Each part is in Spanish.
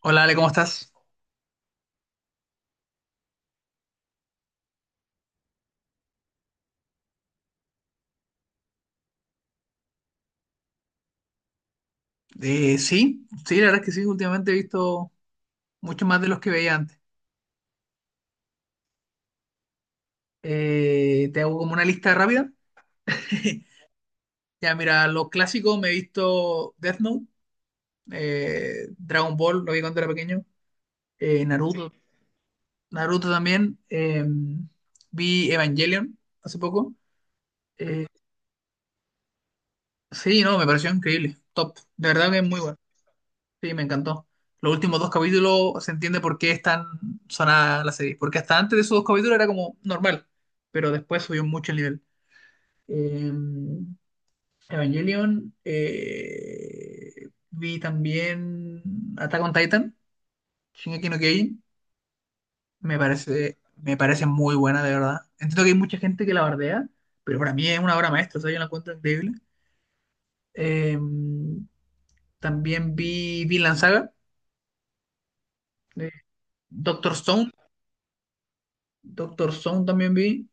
Hola Ale, ¿cómo estás? Sí, sí, la verdad es que sí, últimamente he visto mucho más de los que veía antes. Te hago como una lista rápida. Ya, mira, los clásicos me he visto Death Note, Dragon Ball, lo vi cuando era pequeño, Naruto, Naruto también, vi Evangelion hace poco. Eh, sí, no, me pareció increíble, top, de verdad que es muy bueno. Sí, me encantó. Los últimos dos capítulos se entiende por qué es tan sonada la serie. Porque hasta antes de esos dos capítulos era como normal, pero después subió mucho el nivel. Eh, Evangelion, vi también Attack on Titan, Shingeki no Kyojin. Me parece muy buena, de verdad. Entiendo que hay mucha gente que la bardea, pero para mí es una obra maestra, o sea, yo la encuentro increíble. Eh, También vi Vinland Saga, de Doctor Stone, Doctor Stone también vi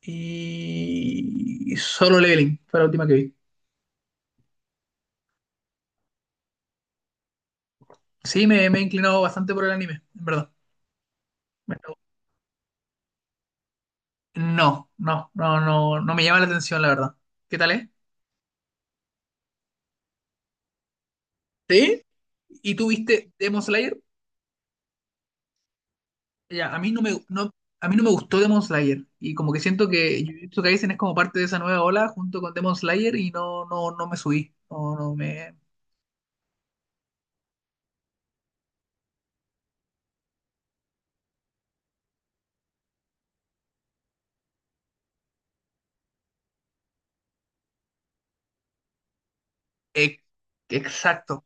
y Solo Leveling fue la última que vi. Sí, me he inclinado bastante por el anime, en verdad. Me- No, no, no, no, no me llama la atención, la verdad. ¿Qué tal es? ¿Sí? ¿Y tú viste Demon Slayer? Ya, a mí no me, no, a mí no me gustó Demon Slayer y como que siento que Jujutsu Kaisen es como parte de esa nueva ola junto con Demon Slayer y no, no, no me subí. No, no me... Ex- Exacto.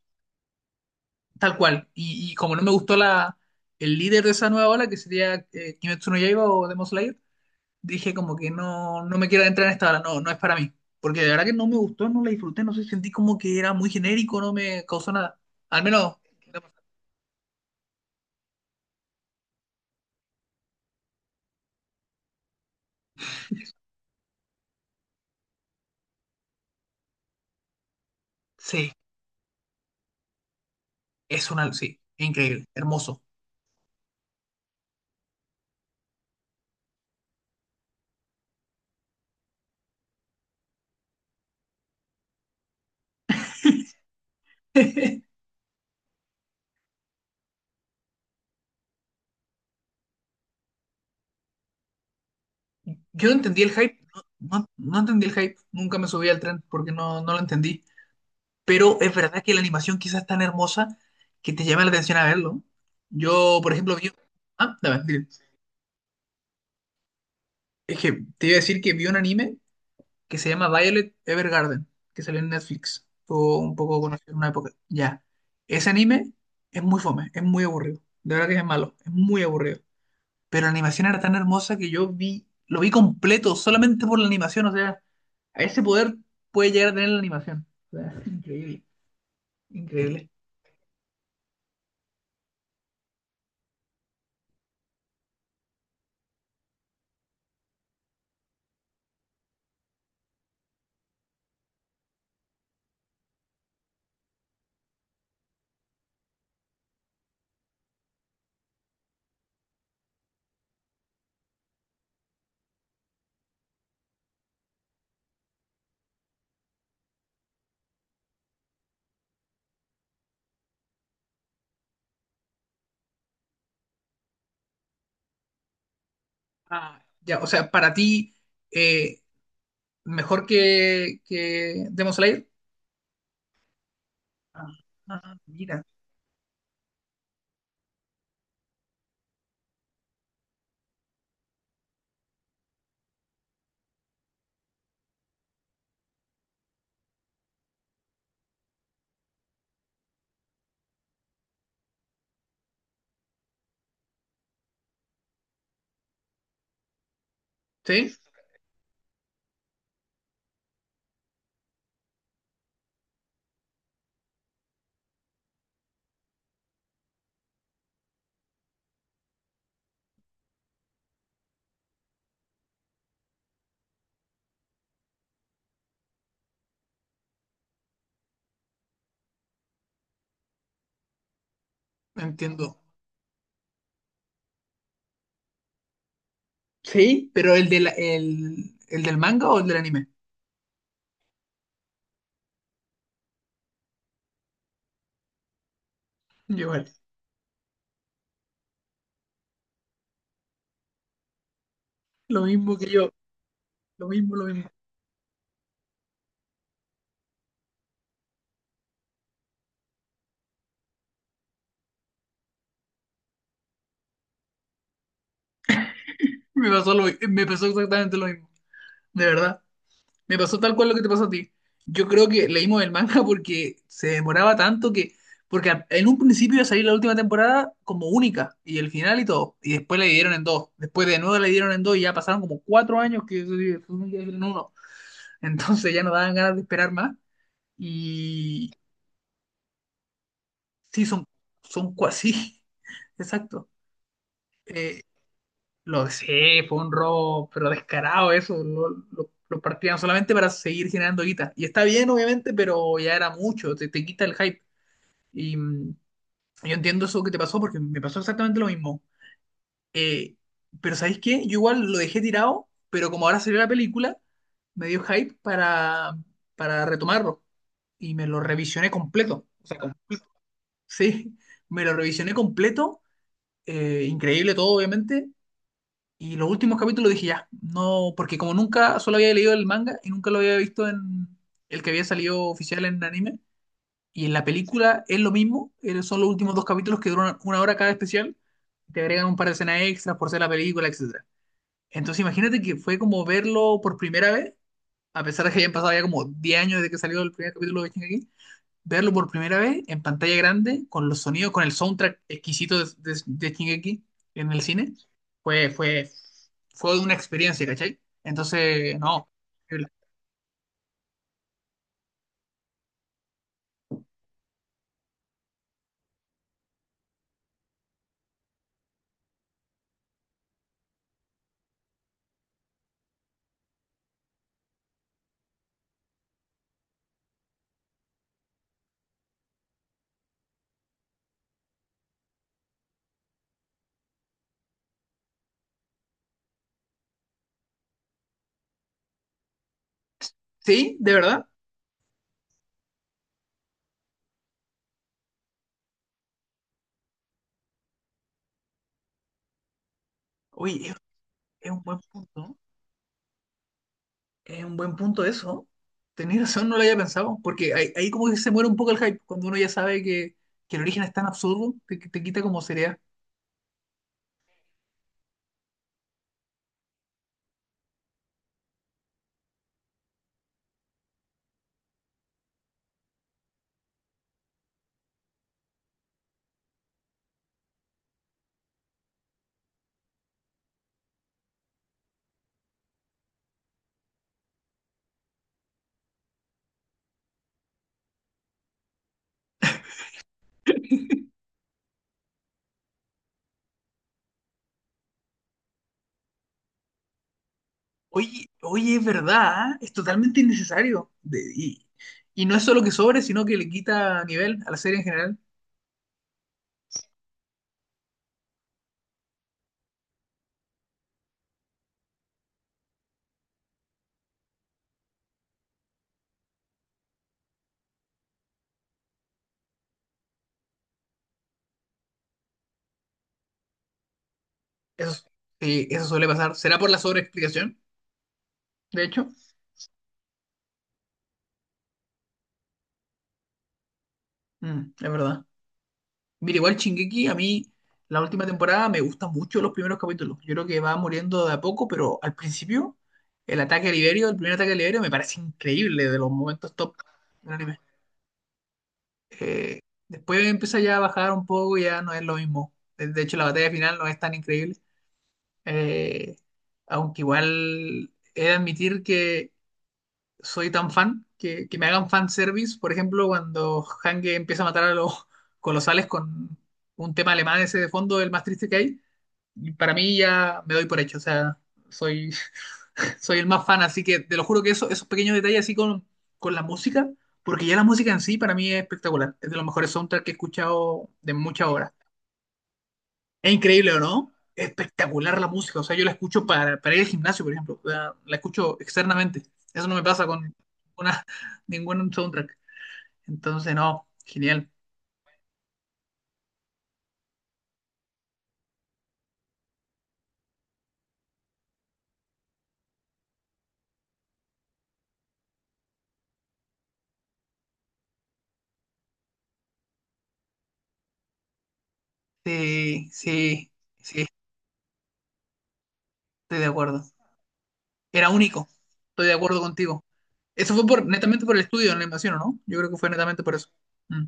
Tal cual. Y como no me gustó el líder de esa nueva ola, que sería Kimetsu no Yaiba o Demon Slayer, dije como que no, no me quiero entrar en esta ola, no, no es para mí. Porque de verdad que no me gustó, no la disfruté, no sé, sentí como que era muy genérico, no me causó nada. Al menos, sí, es una, sí, increíble, hermoso. Yo no entendí el hype, no, no, no entendí el hype, nunca me subí al tren porque no, no lo entendí. Pero es verdad que la animación quizás es tan hermosa que te llama la atención a verlo. Yo, por ejemplo, vi... Ah, dame, dime. Es que te iba a decir que vi un anime que se llama Violet Evergarden, que salió en Netflix. Fue un poco conocido en una época. Ya. Ese anime es muy fome, es muy aburrido. De verdad que es malo, es muy aburrido. Pero la animación era tan hermosa que yo vi, lo vi completo solamente por la animación. O sea, a ese poder puede llegar a tener la animación. O sea, increíble, increíble. Ah, ya, o sea, para ti, eh, mejor que Demon Slayer. Ah, ah, mira. Sí, entiendo. Sí, pero el del manga o el del anime. Igual, lo mismo que yo, lo mismo, lo mismo. Me pasó, me pasó exactamente lo mismo, de verdad. Me pasó tal cual lo que te pasó a ti. Yo creo que leímos el manga porque se demoraba tanto que... Porque en un principio iba a salir la última temporada como única, y el final y todo, y después la dividieron en dos, después de nuevo la dividieron en dos, y ya pasaron como 4 años que se supone en uno, entonces ya no daban ganas de esperar más, y sí, son cuasi, exacto. Eh, Lo sé, fue un robo, pero descarado eso. Lo partían solamente para seguir generando guita. Y está bien, obviamente, pero ya era mucho, te quita el hype. Y yo entiendo eso que te pasó porque me pasó exactamente lo mismo. Eh, pero ¿sabéis qué? Yo igual lo dejé tirado, pero como ahora salió la película, me dio hype para retomarlo. Y me lo revisioné completo. O sea, sí, me lo revisioné completo. Increíble todo, obviamente. Y los últimos capítulos dije ya, no, porque como nunca solo había leído el manga y nunca lo había visto en el que había salido oficial en anime, y en la película es lo mismo, son los últimos dos capítulos que duran una hora cada especial, te agregan un par de escenas extras por ser la película, etcétera. Entonces imagínate que fue como verlo por primera vez, a pesar de que hayan pasado ya como 10 años desde que salió el primer capítulo de Shingeki, verlo por primera vez en pantalla grande, con los sonidos, con el soundtrack exquisito de Shingeki en el cine, fue, fue, fue una experiencia, ¿cachai? Entonces, no. Sí, de verdad. Uy, es un buen punto. Es un buen punto eso. Tenía razón, no lo había pensado. Porque ahí como que se muere un poco el hype, cuando uno ya sabe que el origen es tan absurdo, te quita como seriedad. Oye, oye, es verdad, ¿ah? Es totalmente innecesario. Y no es solo que sobre, sino que le quita nivel a la serie en general. Eso, eso suele pasar. ¿Será por la sobreexplicación? De hecho, mm, es verdad. Mira, igual Shingeki, a mí la última temporada me gustan mucho los primeros capítulos. Yo creo que va muriendo de a poco, pero al principio, el ataque a Liberio, el primer ataque a Liberio, me parece increíble de los momentos top del anime. Eh, Después empieza ya a bajar un poco, ya no es lo mismo. De hecho, la batalla final no es tan increíble. eh, Aunque igual he de admitir que soy tan fan, que me hagan fan service, por ejemplo, cuando Hange empieza a matar a los colosales con un tema alemán ese de fondo, el más triste que hay, y para mí ya me doy por hecho, o sea, soy, soy el más fan, así que te lo juro que eso, esos pequeños detalles así con la música, porque ya la música en sí para mí es espectacular, es de los mejores soundtracks que he escuchado de muchas horas. Es increíble, ¿o no? Es espectacular la música. O sea, yo la escucho para ir al gimnasio, por ejemplo. O sea, la escucho externamente. Eso no me pasa con una, ningún soundtrack. Entonces, no, genial. Sí, sí, sí, estoy de acuerdo. Era único. Estoy de acuerdo contigo. Eso fue por, netamente por el estudio en la invasión, ¿o no? Yo creo que fue netamente por eso. Mm,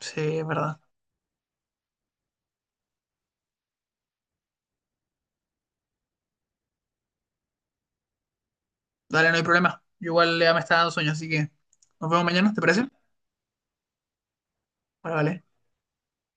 sí, es verdad. Dale, no hay problema. Yo igual ya me está dando sueño, así que nos vemos mañana, ¿te parece? Vale, vale.